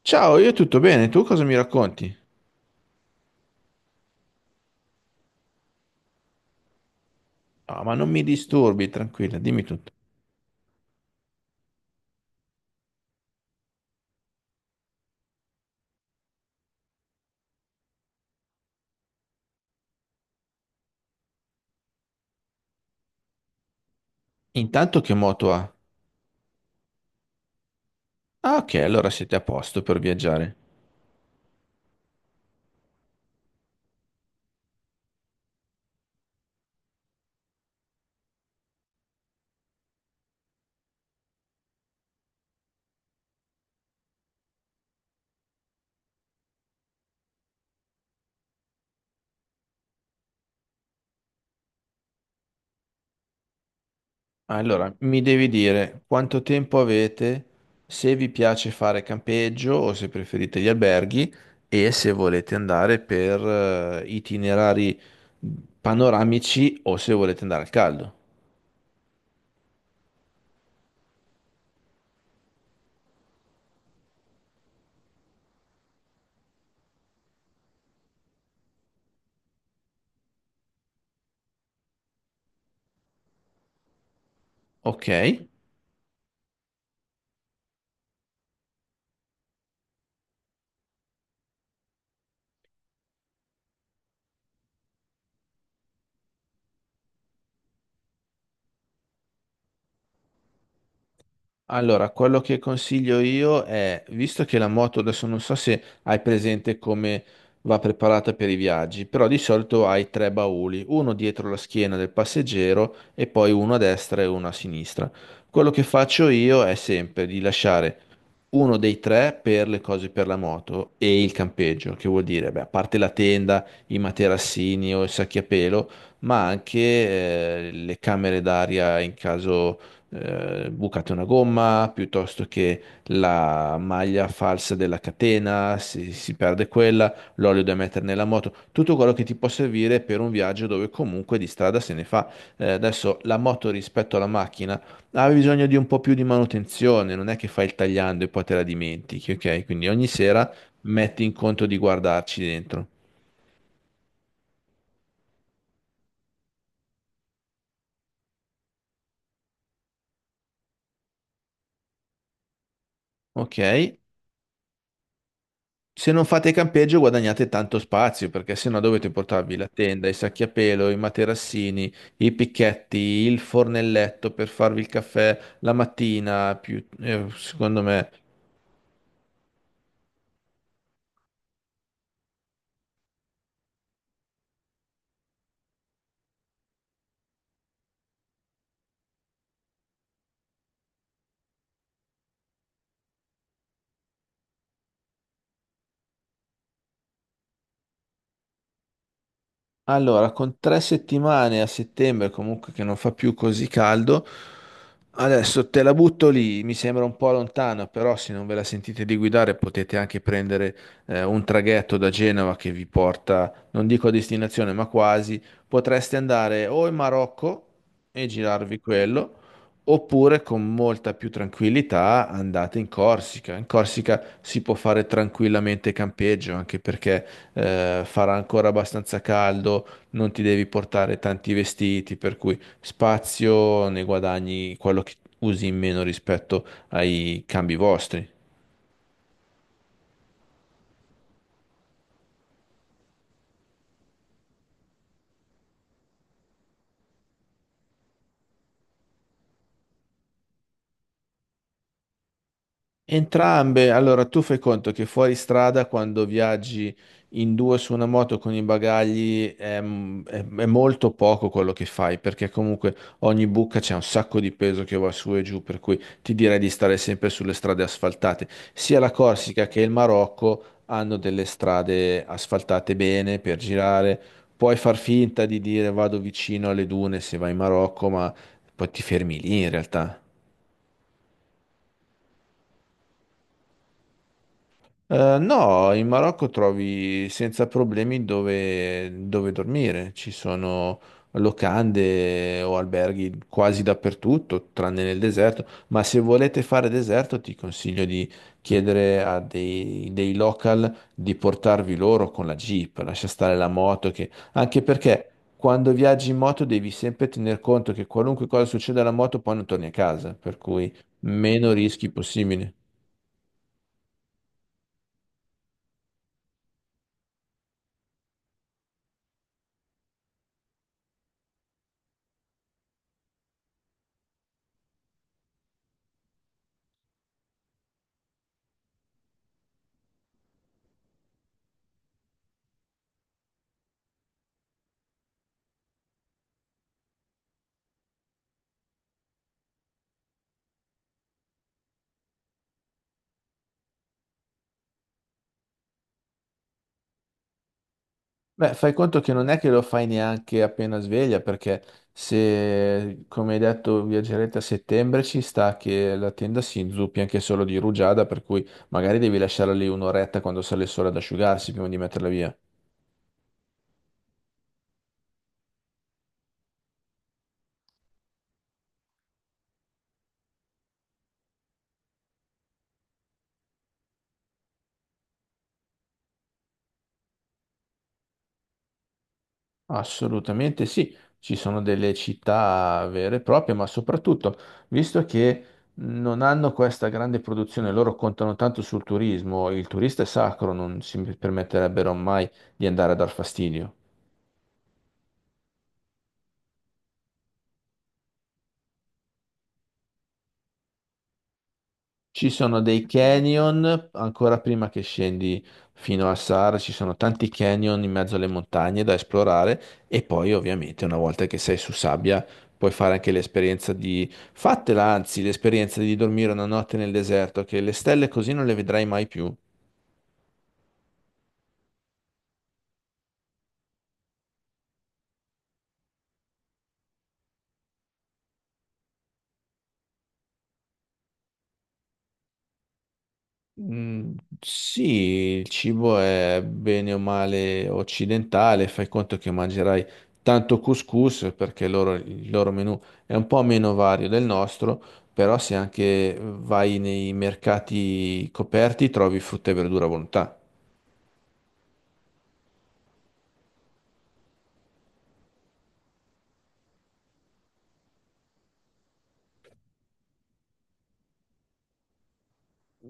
Ciao, io tutto bene, tu cosa mi racconti? Ah, ma non mi disturbi, tranquilla, dimmi tutto. Intanto che moto ha? Ah, ok, allora siete a posto per viaggiare. Allora, mi devi dire quanto tempo avete, se vi piace fare campeggio o se preferite gli alberghi e se volete andare per itinerari panoramici o se volete andare al caldo. Ok? Allora, quello che consiglio io è, visto che la moto adesso non so se hai presente come va preparata per i viaggi, però di solito hai tre bauli, uno dietro la schiena del passeggero e poi uno a destra e uno a sinistra. Quello che faccio io è sempre di lasciare uno dei tre per le cose per la moto e il campeggio, che vuol dire, beh, a parte la tenda, i materassini o i sacchi a pelo, ma anche le camere d'aria in caso bucate una gomma, piuttosto che la maglia falsa della catena, si perde quella, l'olio da mettere nella moto, tutto quello che ti può servire per un viaggio dove comunque di strada se ne fa. Adesso la moto rispetto alla macchina ha bisogno di un po' più di manutenzione, non è che fai il tagliando e poi te la dimentichi, ok? Quindi ogni sera metti in conto di guardarci dentro. Ok. Se non fate campeggio guadagnate tanto spazio perché sennò dovete portarvi la tenda, i sacchi a pelo, i materassini, i picchetti, il fornelletto per farvi il caffè la mattina, più, secondo me. Allora, con tre settimane a settembre comunque che non fa più così caldo, adesso te la butto lì, mi sembra un po' lontano, però se non ve la sentite di guidare potete anche prendere un traghetto da Genova che vi porta, non dico a destinazione, ma quasi, potreste andare o in Marocco e girarvi quello, oppure con molta più tranquillità andate in Corsica. In Corsica si può fare tranquillamente campeggio, anche perché farà ancora abbastanza caldo, non ti devi portare tanti vestiti, per cui spazio ne guadagni quello che usi in meno rispetto ai cambi vostri. Entrambe, allora tu fai conto che fuori strada quando viaggi in due su una moto con i bagagli è, è molto poco quello che fai perché comunque ogni buca c'è un sacco di peso che va su e giù, per cui ti direi di stare sempre sulle strade asfaltate. Sia la Corsica che il Marocco hanno delle strade asfaltate bene per girare, puoi far finta di dire vado vicino alle dune se vai in Marocco, ma poi ti fermi lì in realtà. No, in Marocco trovi senza problemi dove dormire. Ci sono locande o alberghi quasi dappertutto, tranne nel deserto. Ma se volete fare deserto, ti consiglio di chiedere a dei local di portarvi loro con la Jeep. Lascia stare la moto, che... anche perché quando viaggi in moto devi sempre tener conto che qualunque cosa succeda alla moto, poi non torni a casa. Per cui meno rischi possibili. Beh, fai conto che non è che lo fai neanche appena sveglia, perché se, come hai detto, viaggerete a settembre, ci sta che la tenda si inzuppi anche solo di rugiada, per cui magari devi lasciarla lì un'oretta quando sale il sole ad asciugarsi prima di metterla via. Assolutamente sì, ci sono delle città vere e proprie, ma soprattutto, visto che non hanno questa grande produzione, loro contano tanto sul turismo, il turista è sacro, non si permetterebbero mai di andare a dar fastidio. Ci sono dei canyon, ancora prima che scendi fino a Sahara, ci sono tanti canyon in mezzo alle montagne da esplorare e poi ovviamente una volta che sei su sabbia puoi fare anche l'esperienza di... Fatela anzi, l'esperienza di dormire una notte nel deserto, che le stelle così non le vedrai mai più. Mm, sì, il cibo è bene o male occidentale, fai conto che mangerai tanto couscous perché il loro menù è un po' meno vario del nostro, però se anche vai nei mercati coperti trovi frutta e verdura a volontà.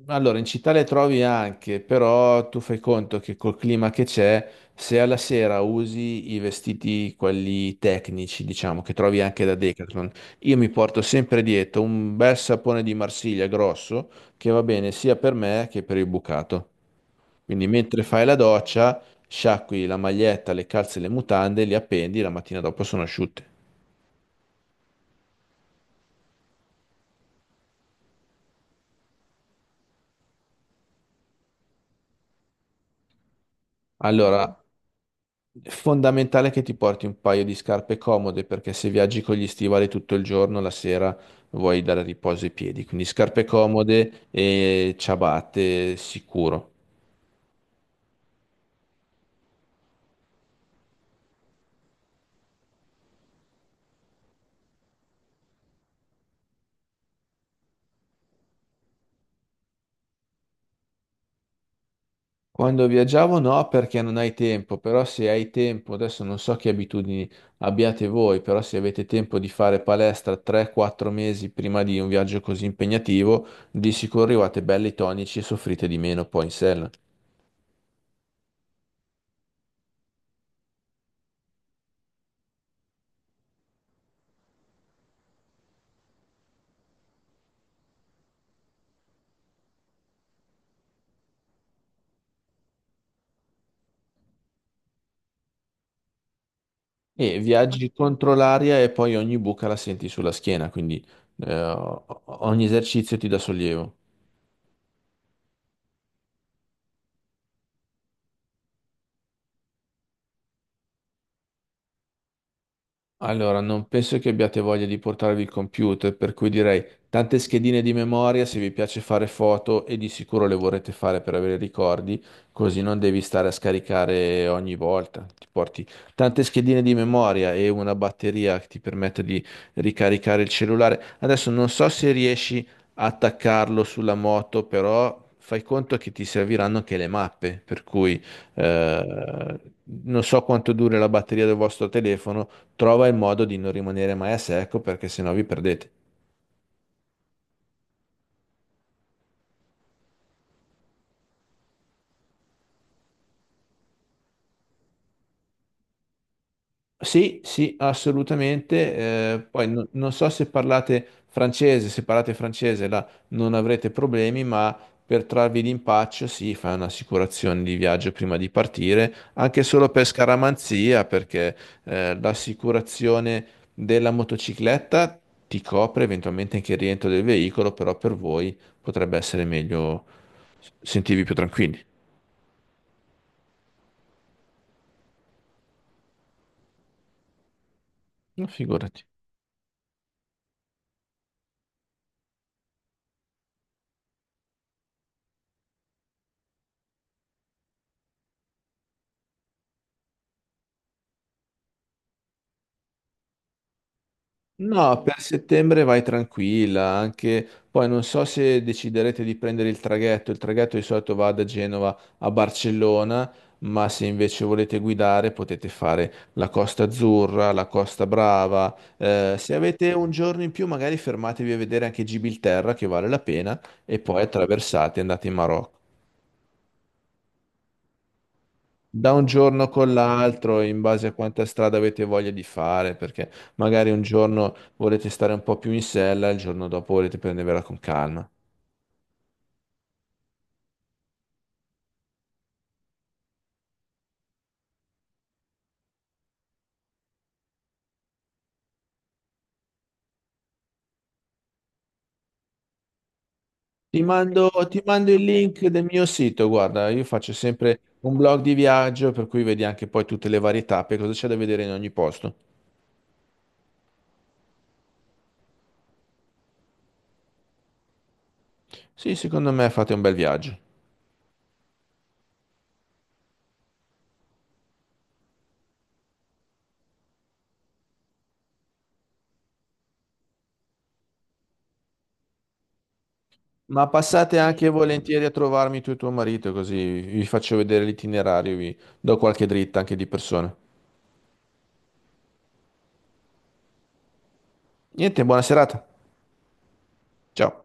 Allora, in città le trovi anche, però tu fai conto che col clima che c'è, se alla sera usi i vestiti, quelli tecnici, diciamo, che trovi anche da Decathlon, io mi porto sempre dietro un bel sapone di Marsiglia grosso che va bene sia per me che per il bucato. Quindi mentre fai la doccia, sciacqui la maglietta, le calze e le mutande, li appendi, la mattina dopo sono asciutte. Allora, è fondamentale che ti porti un paio di scarpe comode perché se viaggi con gli stivali tutto il giorno, la sera vuoi dare riposo ai piedi. Quindi scarpe comode e ciabatte sicuro. Quando viaggiavo no perché non hai tempo, però se hai tempo, adesso non so che abitudini abbiate voi, però se avete tempo di fare palestra 3-4 mesi prima di un viaggio così impegnativo, di sicuro arrivate belli tonici e soffrite di meno poi in sella. E viaggi contro l'aria e poi ogni buca la senti sulla schiena, quindi ogni esercizio ti dà sollievo. Allora, non penso che abbiate voglia di portarvi il computer, per cui direi tante schedine di memoria se vi piace fare foto e di sicuro le vorrete fare per avere ricordi, così non devi stare a scaricare ogni volta. Ti porti tante schedine di memoria e una batteria che ti permette di ricaricare il cellulare. Adesso non so se riesci a attaccarlo sulla moto, però fai conto che ti serviranno anche le mappe, per cui eh, non so quanto dura la batteria del vostro telefono, trova il modo di non rimanere mai a secco perché sennò vi perdete. Sì, sì, assolutamente. Eh, poi non so se parlate francese, se parlate francese là non avrete problemi, ma per trarvi d'impaccio, sì, fai un'assicurazione di viaggio prima di partire, anche solo per scaramanzia, perché l'assicurazione della motocicletta ti copre eventualmente anche il rientro del veicolo, però per voi potrebbe essere meglio sentirvi più tranquilli. No, figurati. No, per settembre vai tranquilla, anche poi non so se deciderete di prendere il traghetto di solito va da Genova a Barcellona, ma se invece volete guidare potete fare la Costa Azzurra, la Costa Brava. Se avete un giorno in più magari fermatevi a vedere anche Gibilterra che vale la pena e poi attraversate e andate in Marocco. Da un giorno con l'altro, in base a quanta strada avete voglia di fare, perché magari un giorno volete stare un po' più in sella, il giorno dopo volete prendervela con calma. Ti mando il link del mio sito, guarda, io faccio sempre un blog di viaggio, per cui vedi anche poi tutte le varie tappe, cosa c'è da vedere in ogni posto. Sì, secondo me fate un bel viaggio. Ma passate anche volentieri a trovarmi tu e tuo marito, così vi faccio vedere l'itinerario, vi do qualche dritta anche di persona. Niente, buona serata. Ciao.